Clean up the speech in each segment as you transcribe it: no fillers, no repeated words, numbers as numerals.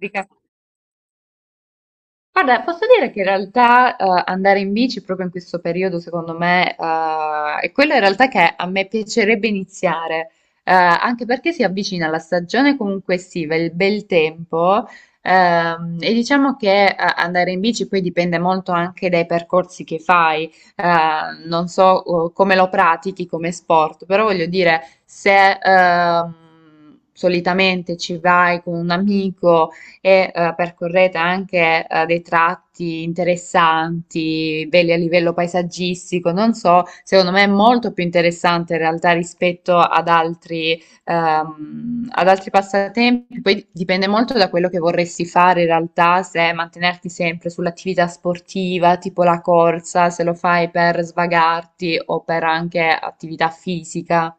Dica- Guarda, posso dire che in realtà andare in bici proprio in questo periodo, secondo me, è quello in realtà che a me piacerebbe iniziare, anche perché si avvicina la stagione comunque estiva, il bel tempo, e diciamo che andare in bici poi dipende molto anche dai percorsi che fai, non so come lo pratichi come sport, però voglio dire, se solitamente ci vai con un amico, e percorrete anche dei tratti interessanti, belli a livello paesaggistico, non so, secondo me è molto più interessante in realtà rispetto ad altri passatempi, poi dipende molto da quello che vorresti fare in realtà, se mantenerti sempre sull'attività sportiva, tipo la corsa, se lo fai per svagarti o per anche attività fisica.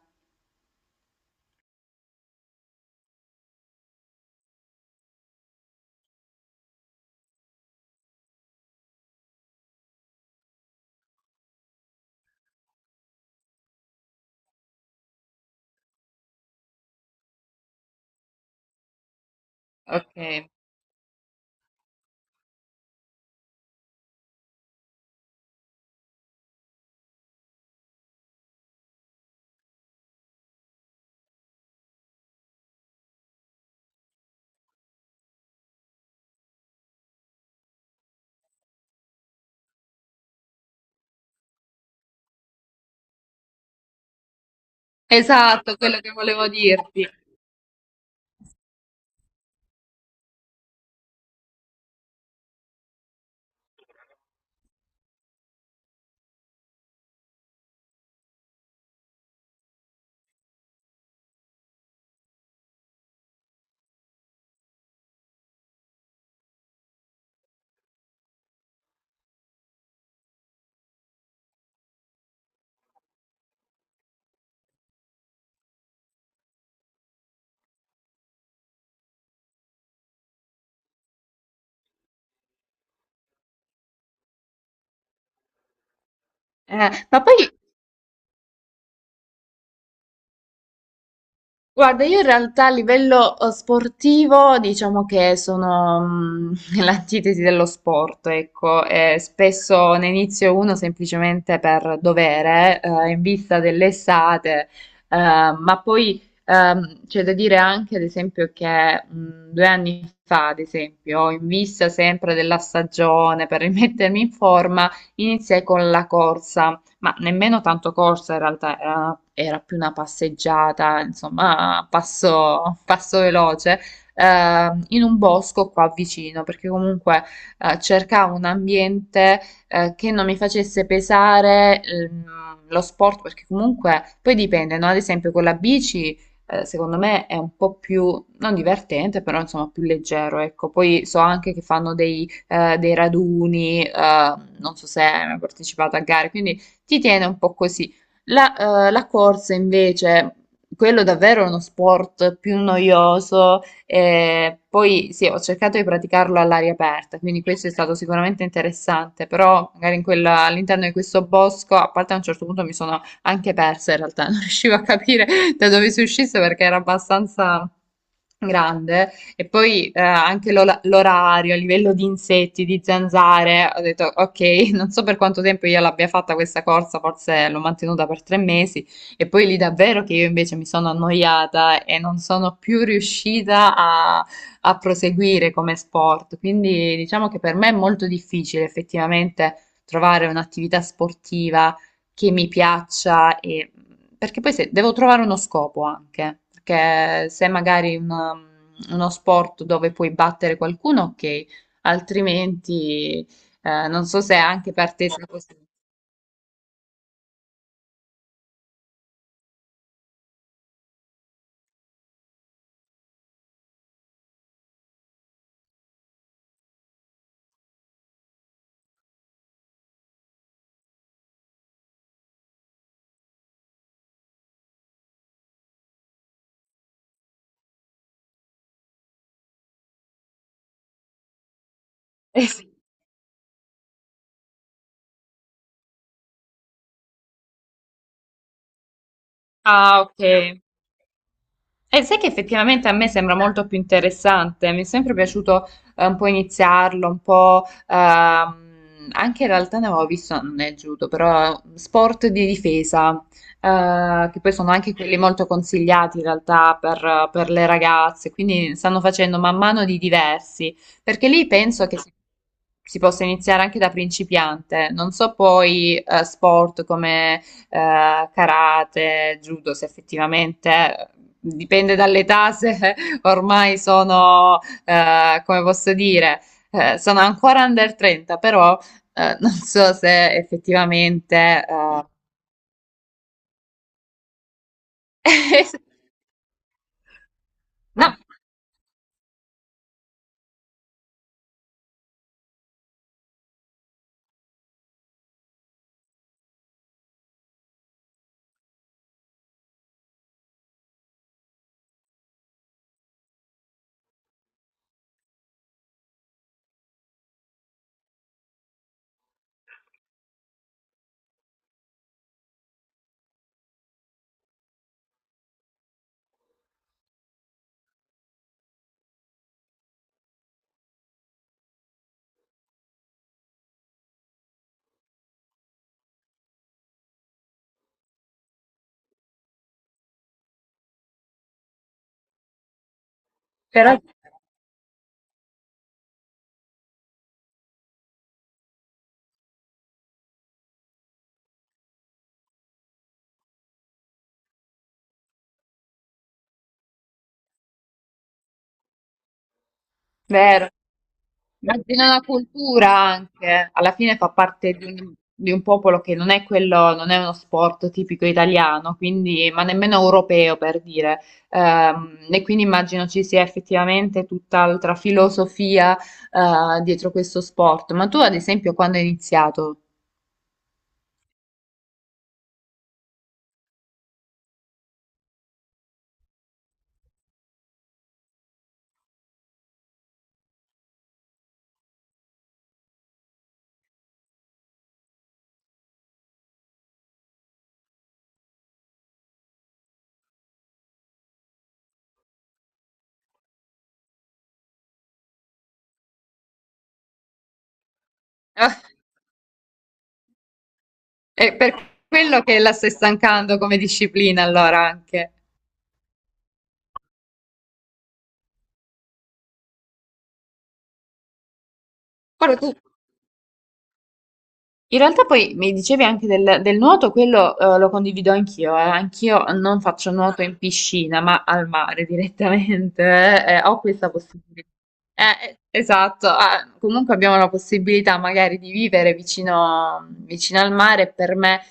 Ok, esatto, quello che volevo dirti. Eh, ma poi guarda, io in realtà a livello sportivo diciamo che sono l'antitesi dello sport, ecco, e spesso ne inizio uno semplicemente per dovere, in vista dell'estate, ma poi c'è da dire anche, ad esempio, che 2 anni fa, ad esempio, in vista sempre della stagione, per rimettermi in forma, iniziai con la corsa, ma nemmeno tanto corsa in realtà, era più una passeggiata, insomma, passo, passo veloce, in un bosco qua vicino, perché comunque cercavo un ambiente che non mi facesse pesare lo sport, perché comunque poi dipende, no? Ad esempio con la bici secondo me è un po' più, non divertente, però insomma più leggero, ecco. Poi so anche che fanno dei raduni, non so se hai mai partecipato a gare, quindi ti tiene un po' così. La corsa invece, quello davvero è uno sport più noioso. Poi sì, ho cercato di praticarlo all'aria aperta, quindi questo è stato sicuramente interessante, però magari in all'interno di questo bosco, a parte a un certo punto mi sono anche persa in realtà, non riuscivo a capire da dove si uscisse perché era abbastanza grande. E poi anche l'orario, a livello di insetti, di zanzare, ho detto ok, non so per quanto tempo io l'abbia fatta questa corsa, forse l'ho mantenuta per 3 mesi, e poi lì davvero che io invece mi sono annoiata e non sono più riuscita a proseguire come sport. Quindi diciamo che per me è molto difficile effettivamente trovare un'attività sportiva che mi piaccia, e perché poi se, devo trovare uno scopo anche, perché se magari uno sport dove puoi battere qualcuno, ok, altrimenti non so se anche per te sia così. Eh sì. Ah, ok. E sai che effettivamente a me sembra molto più interessante, mi è sempre piaciuto un po' iniziarlo, un po'. Anche in realtà ne avevo visto, non è judo, però sport di difesa, che poi sono anche quelli molto consigliati in realtà per le ragazze, quindi stanno facendo man mano di diversi, perché lì penso che si possa iniziare anche da principiante, non so poi sport come karate, judo, se effettivamente dipende dall'età, se ormai sono, come posso dire, sono ancora under 30, però non so se effettivamente. No, però. Vero. Immagina la cultura anche, alla fine fa parte di un popolo che non è quello, non è uno sport tipico italiano, quindi, ma nemmeno europeo per dire. E quindi immagino ci sia effettivamente tutt'altra filosofia, dietro questo sport. Ma tu, ad esempio, quando hai iniziato? Ah, è per quello che la stai stancando come disciplina, allora anche. Guarda, in realtà poi mi dicevi anche del nuoto, quello lo condivido anch'io, eh. Anch'io non faccio nuoto in piscina, ma al mare direttamente, ho questa possibilità. Esatto, ah, comunque abbiamo la possibilità magari di vivere vicino, vicino al mare. Per me,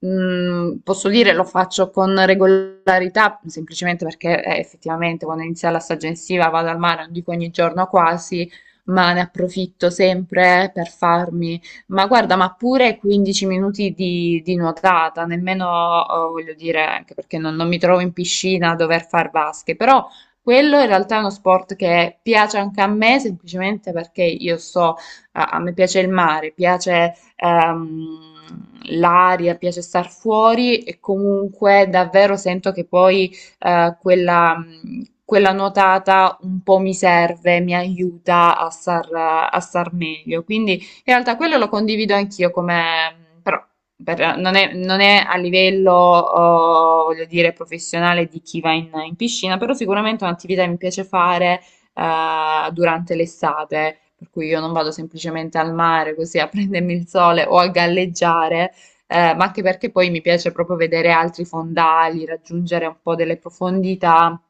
posso dire, lo faccio con regolarità, semplicemente perché effettivamente quando inizia la stagione estiva vado al mare, non dico ogni giorno quasi, ma ne approfitto sempre per farmi, ma guarda, ma pure 15 minuti di nuotata, nemmeno, voglio dire, anche perché non mi trovo in piscina a dover far vasche, però quello in realtà è uno sport che piace anche a me, semplicemente perché io so, a me piace il mare, piace l'aria, piace star fuori, e comunque davvero sento che poi quella nuotata un po' mi serve, mi aiuta a star meglio. Quindi in realtà quello lo condivido anch'io come, però non è a livello, oh, voglio dire, professionale di chi va in piscina, però sicuramente è un'attività che mi piace fare, durante l'estate, per cui io non vado semplicemente al mare così a prendermi il sole o a galleggiare, ma anche perché poi mi piace proprio vedere altri fondali, raggiungere un po' delle profondità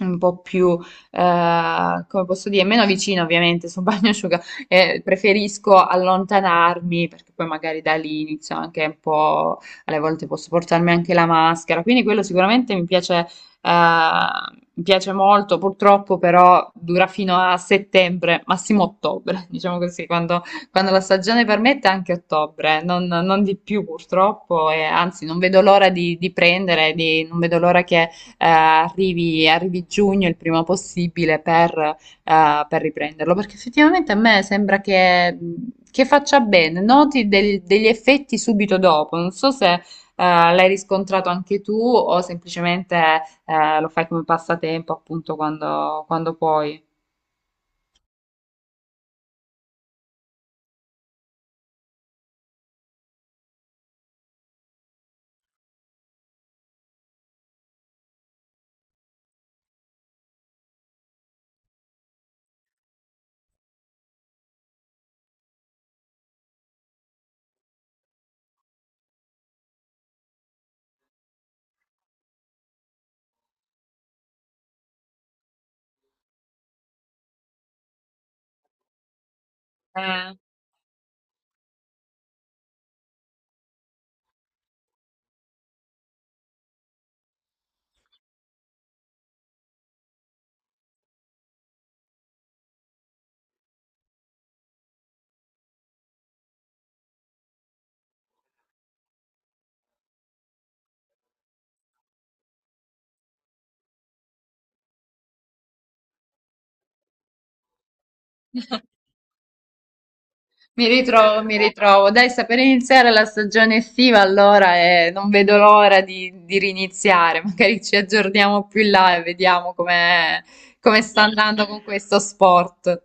un po' più, come posso dire, meno vicino ovviamente su un bagno preferisco allontanarmi, perché poi magari da lì inizio anche un po', alle volte posso portarmi anche la maschera, quindi quello sicuramente eh, mi piace molto, purtroppo però dura fino a settembre, massimo ottobre, diciamo così, quando, quando la stagione permette anche ottobre, non di più purtroppo, e anzi non vedo l'ora di prendere, non vedo l'ora che arrivi giugno il prima possibile per riprenderlo, perché effettivamente a me sembra che faccia bene, noti degli effetti subito dopo, non so se l'hai riscontrato anche tu o semplicemente lo fai come passatempo appunto quando puoi. Eh, mi ritrovo, mi ritrovo. Dai, sta per iniziare la stagione estiva allora e non vedo l'ora di riniziare, magari ci aggiorniamo più in là e vediamo come sta andando con questo sport.